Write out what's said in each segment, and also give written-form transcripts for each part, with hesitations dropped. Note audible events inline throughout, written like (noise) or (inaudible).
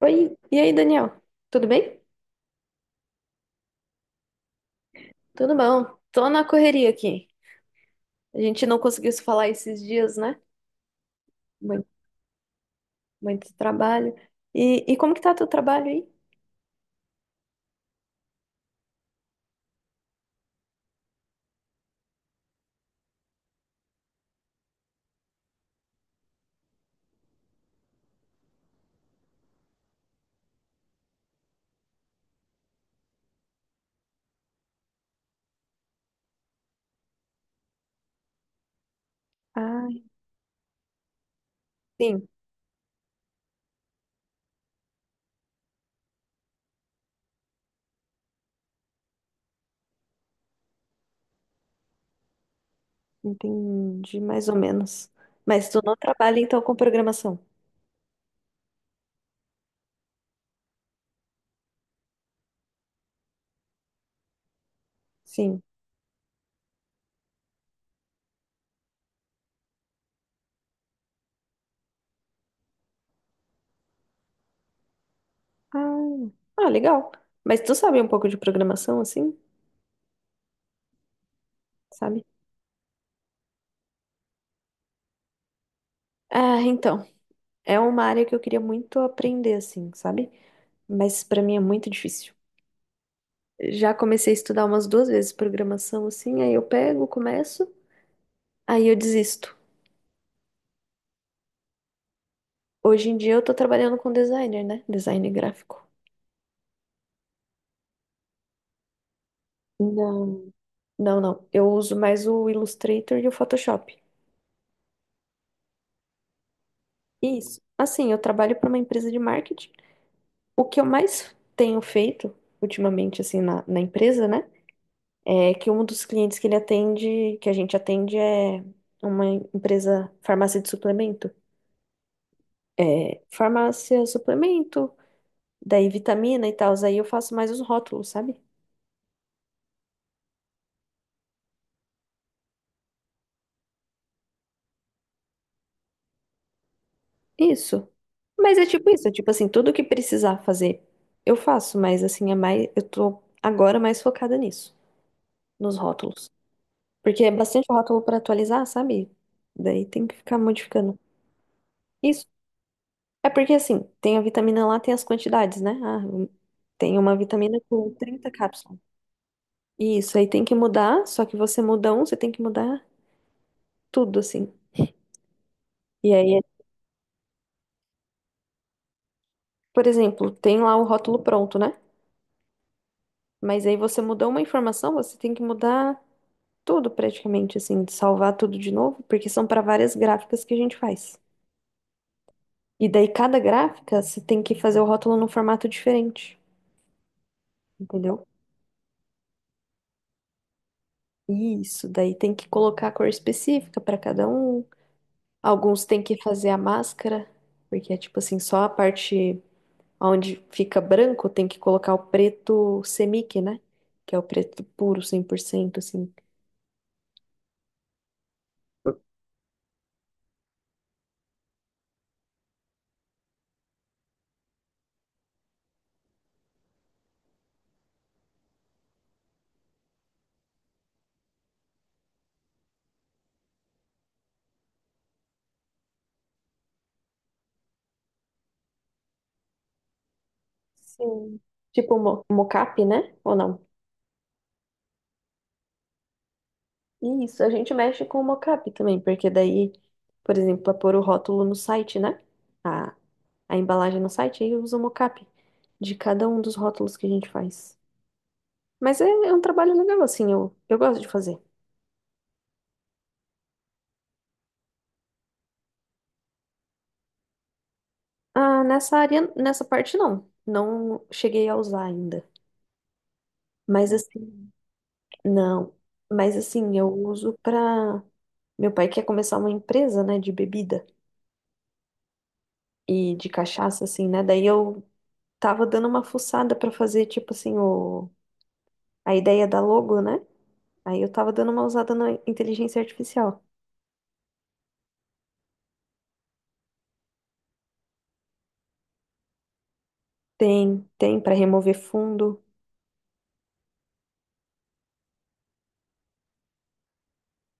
Oi, e aí, Daniel? Tudo bem? Tudo bom. Tô na correria aqui. A gente não conseguiu se falar esses dias, né? Muito, muito trabalho. E como que tá teu trabalho aí? Ah, sim, entendi mais ou menos. Mas tu não trabalha então com programação? Sim. Ah, ah, legal. Mas tu sabe um pouco de programação, assim? Sabe? Ah, então. É uma área que eu queria muito aprender, assim, sabe? Mas pra mim é muito difícil. Já comecei a estudar umas duas vezes programação, assim, aí eu pego, começo, aí eu desisto. Hoje em dia eu tô trabalhando com designer, né? Design gráfico. Não. Não, não. Eu uso mais o Illustrator e o Photoshop. Isso. Assim, eu trabalho para uma empresa de marketing. O que eu mais tenho feito ultimamente, assim, na empresa, né? É que um dos clientes que ele atende, que a gente atende, é uma empresa, farmácia de suplemento. É, farmácia, suplemento, daí vitamina e tal. Aí eu faço mais os rótulos, sabe? Isso. Mas é tipo isso, é tipo assim, tudo que precisar fazer, eu faço, mas assim, é mais, eu tô agora mais focada nisso, nos rótulos. Porque é bastante rótulo pra atualizar, sabe? Daí tem que ficar modificando. Isso. É porque assim, tem a vitamina lá, tem as quantidades, né? Tem uma vitamina com 30 cápsulas. Isso, aí tem que mudar, só que você muda um, você tem que mudar tudo, assim. E aí, por exemplo, tem lá o rótulo pronto, né? Mas aí você mudou uma informação, você tem que mudar tudo praticamente, assim, salvar tudo de novo, porque são para várias gráficas que a gente faz. E daí cada gráfica você tem que fazer o rótulo num formato diferente, entendeu? Isso, daí tem que colocar a cor específica para cada um. Alguns tem que fazer a máscara, porque é tipo assim, só a parte onde fica branco tem que colocar o preto semic, né? Que é o preto puro, cem por cento assim. Sim. Tipo mo mocap, né? Ou não? Isso, a gente mexe com o mockup também, porque daí, por exemplo, para pôr o rótulo no site, né? A, a embalagem no site, aí usa o mockup de cada um dos rótulos que a gente faz. Mas é, é um trabalho legal, assim, eu gosto de fazer. Ah, nessa área, nessa parte não. Não cheguei a usar ainda. Mas assim, não. Mas assim, eu uso pra. Meu pai quer começar uma empresa, né, de bebida e de cachaça, assim, né? Daí eu tava dando uma fuçada pra fazer, tipo assim, o a ideia da logo, né? Aí eu tava dando uma usada na inteligência artificial. Tem, tem para remover fundo.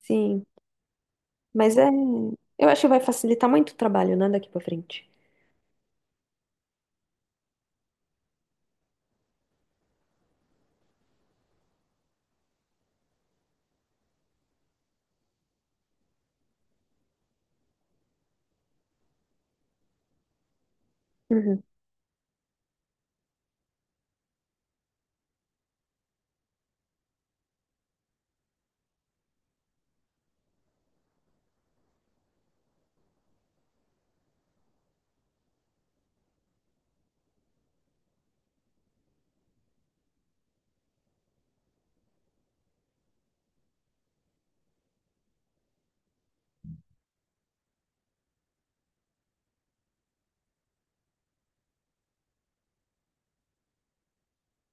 Sim, mas é, eu acho que vai facilitar muito o trabalho, né, daqui para frente. Uhum.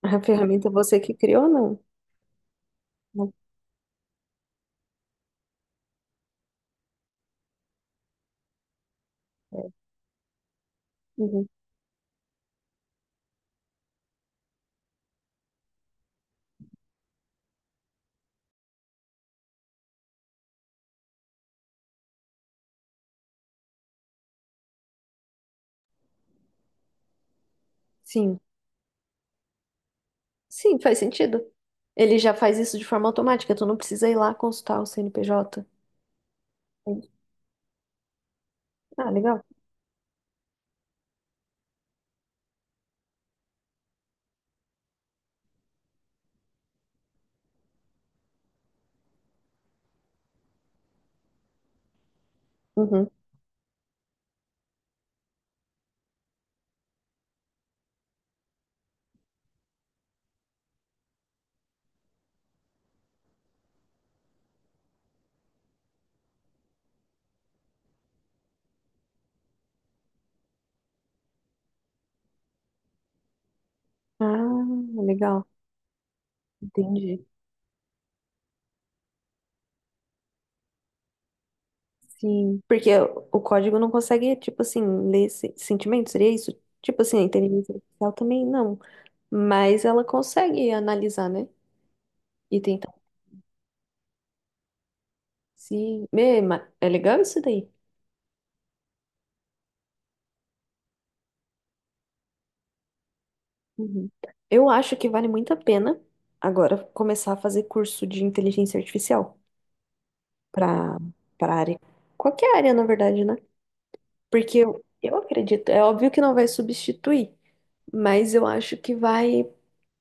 (laughs) A ferramenta você que criou, não? Não. É. Uhum. Sim. Sim, faz sentido. Ele já faz isso de forma automática, tu não precisa ir lá consultar o CNPJ. Entendi. Ah, legal. Uhum. Ah, legal. Entendi. Sim, porque o código não consegue, tipo assim, ler se- sentimento, seria isso? Tipo assim, a inteligência artificial também não, mas ela consegue analisar, né? E tentar se... Mê, ma- É legal isso daí. Uhum. Eu acho que vale muito a pena agora começar a fazer curso de inteligência artificial para para área. Qualquer área, na verdade, né? Porque eu acredito, é óbvio que não vai substituir, mas eu acho que vai,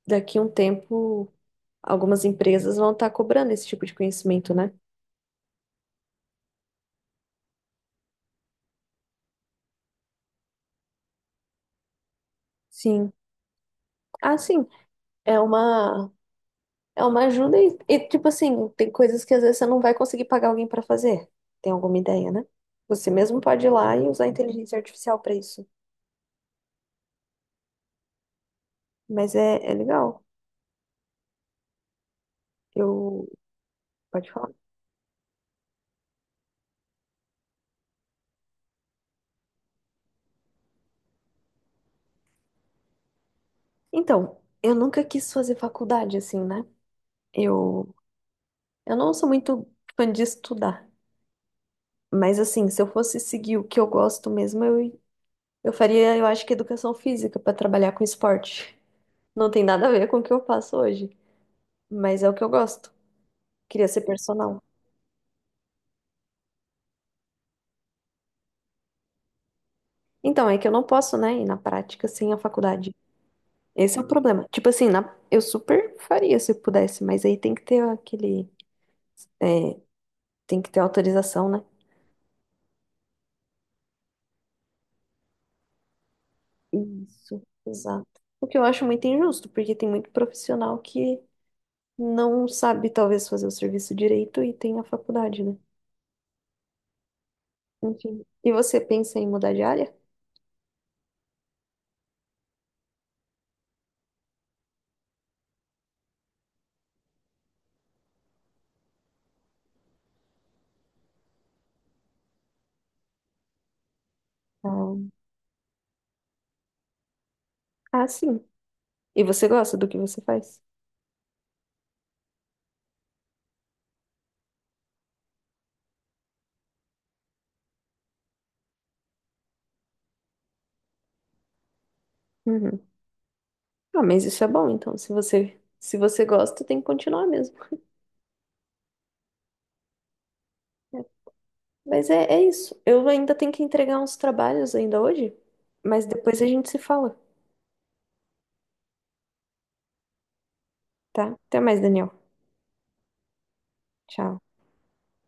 daqui a um tempo. Algumas empresas vão estar cobrando esse tipo de conhecimento, né? Sim. Ah, sim. É uma, é uma ajuda e, tipo assim, tem coisas que às vezes você não vai conseguir pagar alguém para fazer. Tem alguma ideia, né? Você mesmo pode ir lá e usar a inteligência artificial para isso. Mas é, é legal. Eu. Pode falar. Então, eu nunca quis fazer faculdade, assim, né? Eu, eu não sou muito fã de estudar. Mas, assim, se eu fosse seguir o que eu gosto mesmo, eu faria, eu acho que educação física para trabalhar com esporte. Não tem nada a ver com o que eu faço hoje, mas é o que eu gosto. Queria ser personal. Então, é que eu não posso, né, ir na prática sem a faculdade. Esse é o problema. Tipo assim, eu super faria se eu pudesse, mas aí tem que ter aquele. É, tem que ter autorização, né? Isso, exato. O que eu acho muito injusto, porque tem muito profissional que não sabe, talvez, fazer o serviço direito e tem a faculdade, né? Enfim. E você pensa em mudar de área? Ah, ah, sim. E você gosta do que você faz? Uhum. Ah, mas isso é bom, então. Se você, se você gosta, tem que continuar mesmo. É. Mas é, é isso. Eu ainda tenho que entregar uns trabalhos ainda hoje, mas depois a gente se fala, tá? Até mais, Daniel. Tchau.